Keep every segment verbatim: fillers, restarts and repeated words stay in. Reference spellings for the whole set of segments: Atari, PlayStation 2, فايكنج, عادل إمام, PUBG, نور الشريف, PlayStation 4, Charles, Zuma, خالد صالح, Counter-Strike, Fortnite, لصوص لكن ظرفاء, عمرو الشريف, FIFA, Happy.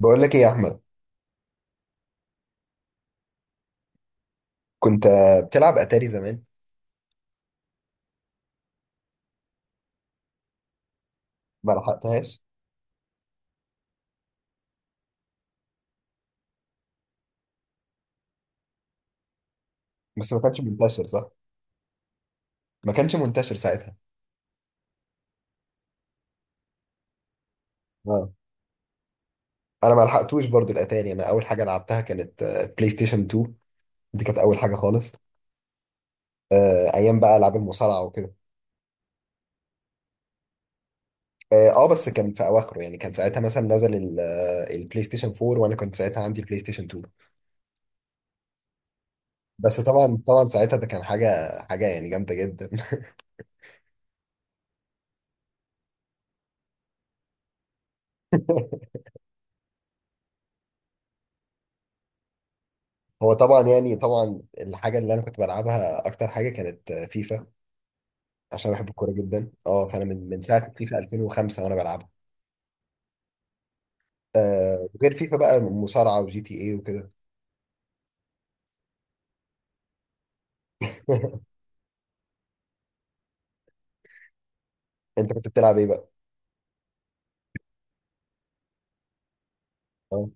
بقول لك ايه يا احمد. كنت آه، بتلعب اتاري زمان. ما لحقتهاش. بس ما كانش منتشر صح. ما كانش منتشر ساعتها. اه، انا ما لحقتوش برضو الاتاري. انا اول حاجه لعبتها كانت آه، بلاي ستيشن اتنين. دي كانت اول حاجه خالص. آه، ايام بقى العاب المصارعه وكده. اه آه، بس كان في اواخره، يعني كان ساعتها مثلا نزل ال- آه، البلاي ستيشن اربعة وانا كنت ساعتها عندي البلاي ستيشن اتنين. بس طبعا طبعا ساعتها ده كان حاجه حاجه يعني جامده جدا. هو طبعا، يعني طبعا الحاجه اللي انا كنت بلعبها اكتر حاجه كانت آه، فيفا، عشان بحب الكوره جدا. اه، فانا من من ساعه فيفا ألفين وخمسة وانا بلعبها. آه، غير فيفا بقى مصارعه وجي تي اي وكده. انت كنت بتلعب ايه بقى؟ اه،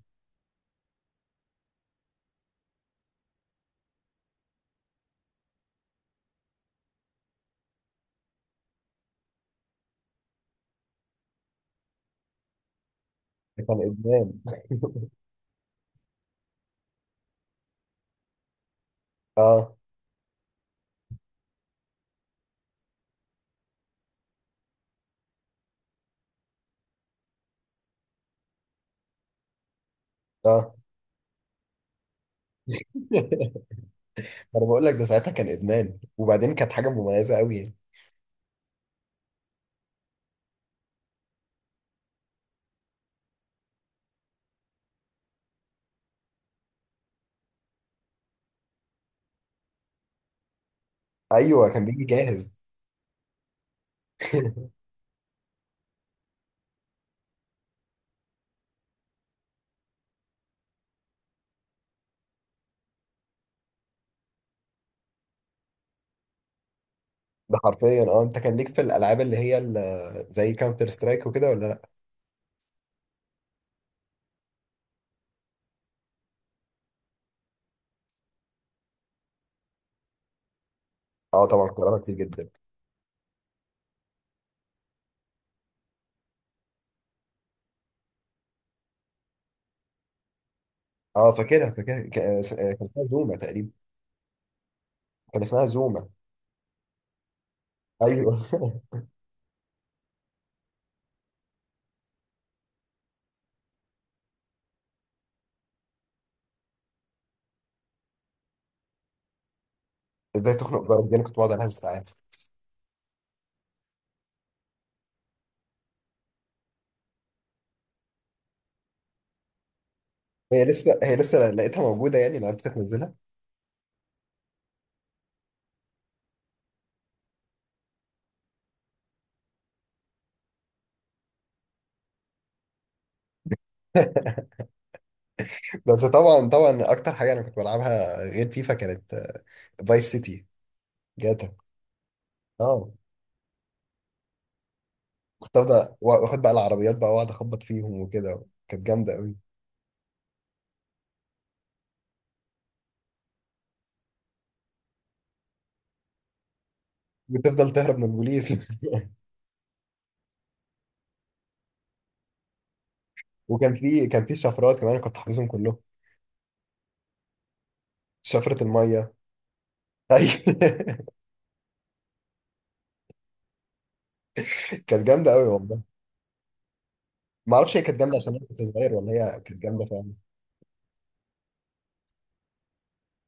ده كان ادمان. اه. اه. انا بقول لك ده ساعتها كان ادمان، وبعدين كانت حاجه مميزه قوي يعني. ايوه، كان بيجي جاهز. ده حرفيا اه. انت كان ليك في الالعاب اللي هي ال- زي كاونتر سترايك وكده ولا لا؟ اه طبعا، كنت بلعبها كتير جدا. اه، فاكرها فاكرها ك- آه، كان اسمها زوما تقريبا. كان اسمها زوما. ايوه. ازاي تخنق جارك دي انا كنت بقعد العب. هي لسه، هي لسه لقيتها موجودة يعني لو عرفت تنزلها. بس طبعا طبعا أكتر حاجة أنا كنت بلعبها غير فيفا كانت فايس سيتي، جاتا. اه، كنت أفضل وآخد بقى العربيات بقى وأقعد أخبط فيهم وكده، كانت جامدة أوي. وتفضل تهرب من البوليس. وكان في، كان في شفرات كمان كنت حافظهم كلهم. شفرة المية. أي. كانت جامدة أوي والله. ما أعرفش هي كانت جامدة عشان أنا كنت صغير ولا هي كانت جامدة فعلا.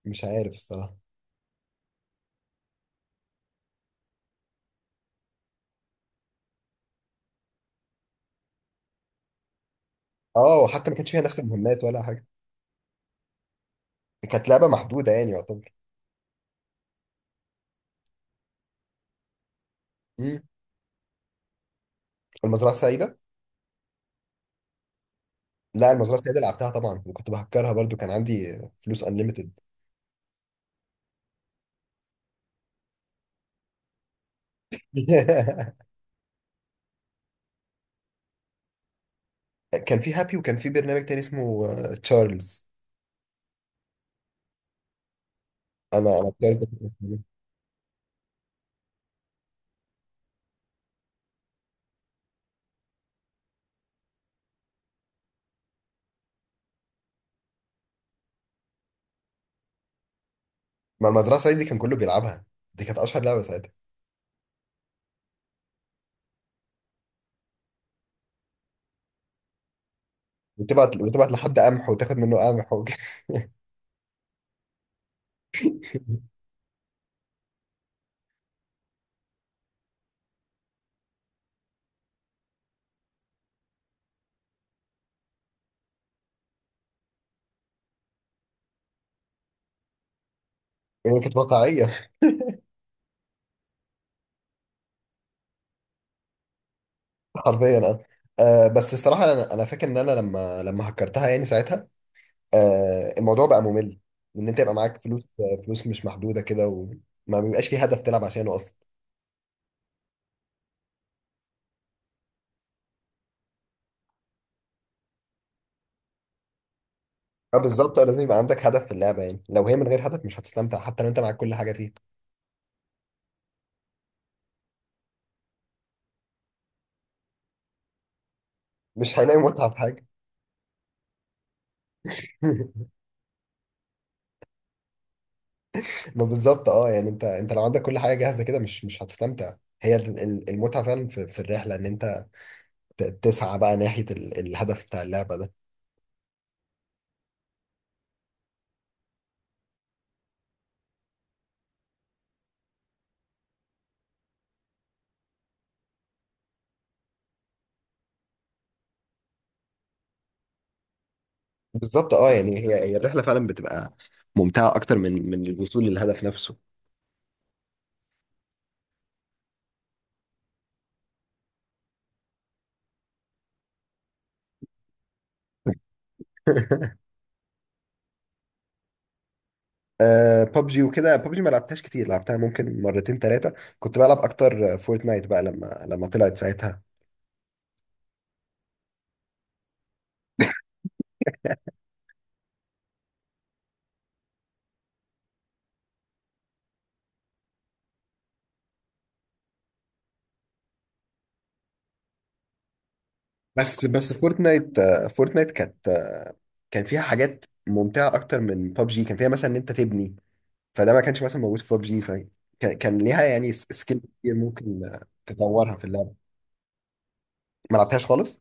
مش عارف الصراحة. اه، وحتى ما كانش فيها نفس المهمات ولا حاجة. كانت لعبة محدودة يعني يعتبر. مم. المزرعة السعيدة. لا، المزرعة السعيدة لعبتها طبعا، وكنت بهكرها برضو. كان عندي فلوس انليمتد. كان في هابي، وكان في برنامج تاني اسمه آه، تشارلز. انا انا تشارلز ده كنت بستخدمه. ما المزرعة السعيدة دي كان كله بيلعبها. دي كانت اشهر لعبة ساعتها. وتبعت وتبعت لحد قمح وتاخد منه قمح وك- يعني كانت واقعية. حرفيا اه. آه، بس الصراحة انا انا فاكر ان انا لما لما هكرتها يعني ساعتها آه، الموضوع بقى ممل. ان انت يبقى معاك فلوس، آه، فلوس مش محدودة كده، وما بيبقاش في هدف تلعب عشانه. اه بالظبط. اه، لازم يبقى عندك هدف في اللعبه، يعني لو هي من غير هدف مش هتستمتع حتى لو انت معاك كل حاجه فيها. مش هيلاقي متعه في حاجه. ما بالظبط اه. يعني انت، انت لو عندك كل حاجه جاهزه كده مش مش هتستمتع. هي ال- ال- المتعه فعلا في، في الرحله، ان انت ت- تسعى بقى ناحيه ال- الهدف بتاع اللعبه ده. بالظبط اه. يعني هي، هي الرحله فعلا بتبقى ممتعه اكتر من من الوصول للهدف نفسه. آه ببجي وكده. ببجي ما لعبتهاش كتير، لعبتها ممكن مرتين ثلاثه. كنت بلعب اكتر فورتنايت بقى لما لما طلعت ساعتها. بس بس فورتنايت، آه، فورتنايت كانت آه، كان فيها حاجات ممتعة أكتر من ببجي. كان فيها مثلا إن أنت تبني، فده ما كانش مثلا موجود في ببجي، فكان، كان ليها يعني س- سكيل كتير ممكن آه، تطورها في اللعبة. ما لعبتهاش خالص.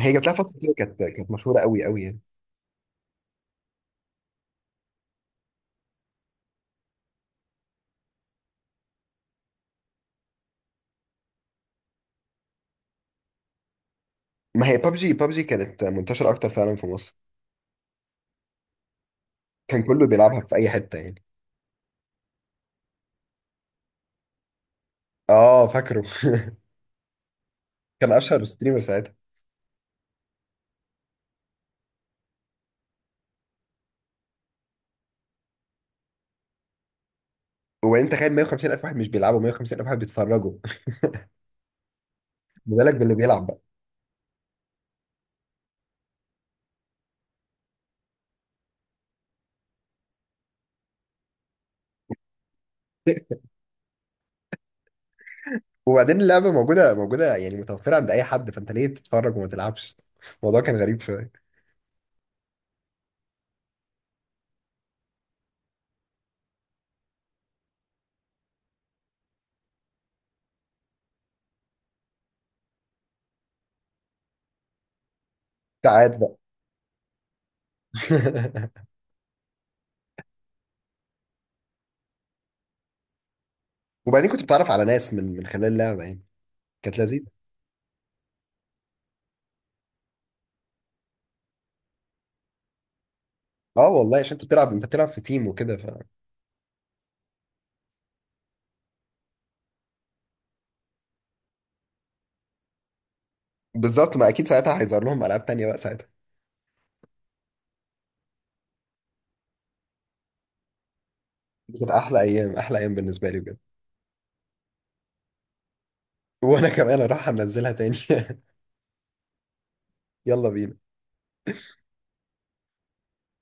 هي جات لها فترة كده، كانت كانت مشهورة قوي قوي يعني. ما هي ببجي، ببجي كانت منتشرة أكتر فعلا في مصر. كان كله بيلعبها في أي حتة يعني. آه فاكره. كان أشهر ستريمر ساعتها. وأنت تخيل مية وخمسين ألف واحد، مش بيلعبوا، مية وخمسين ألف واحد بيتفرجوا. ما بالك باللي بيلعب بقى. وبعدين اللعبة موجودة موجودة يعني متوفرة عند أي حد، فأنت ليه تتفرج وما تلعبش؟ الموضوع كان غريب شوية. ساعات بقى. وبعدين كنت بتعرف على ناس من من خلال اللعبة يعني، كانت لذيذة. اه والله، عشان انت بتلعب، انت بتلعب في تيم وكده ف... بالظبط. ما اكيد ساعتها هيظهر لهم العاب تانية بقى ساعتها. كانت احلى ايام، احلى ايام بالنسبة لي بجد. وانا كمان اروح انزلها تاني. يلا بينا.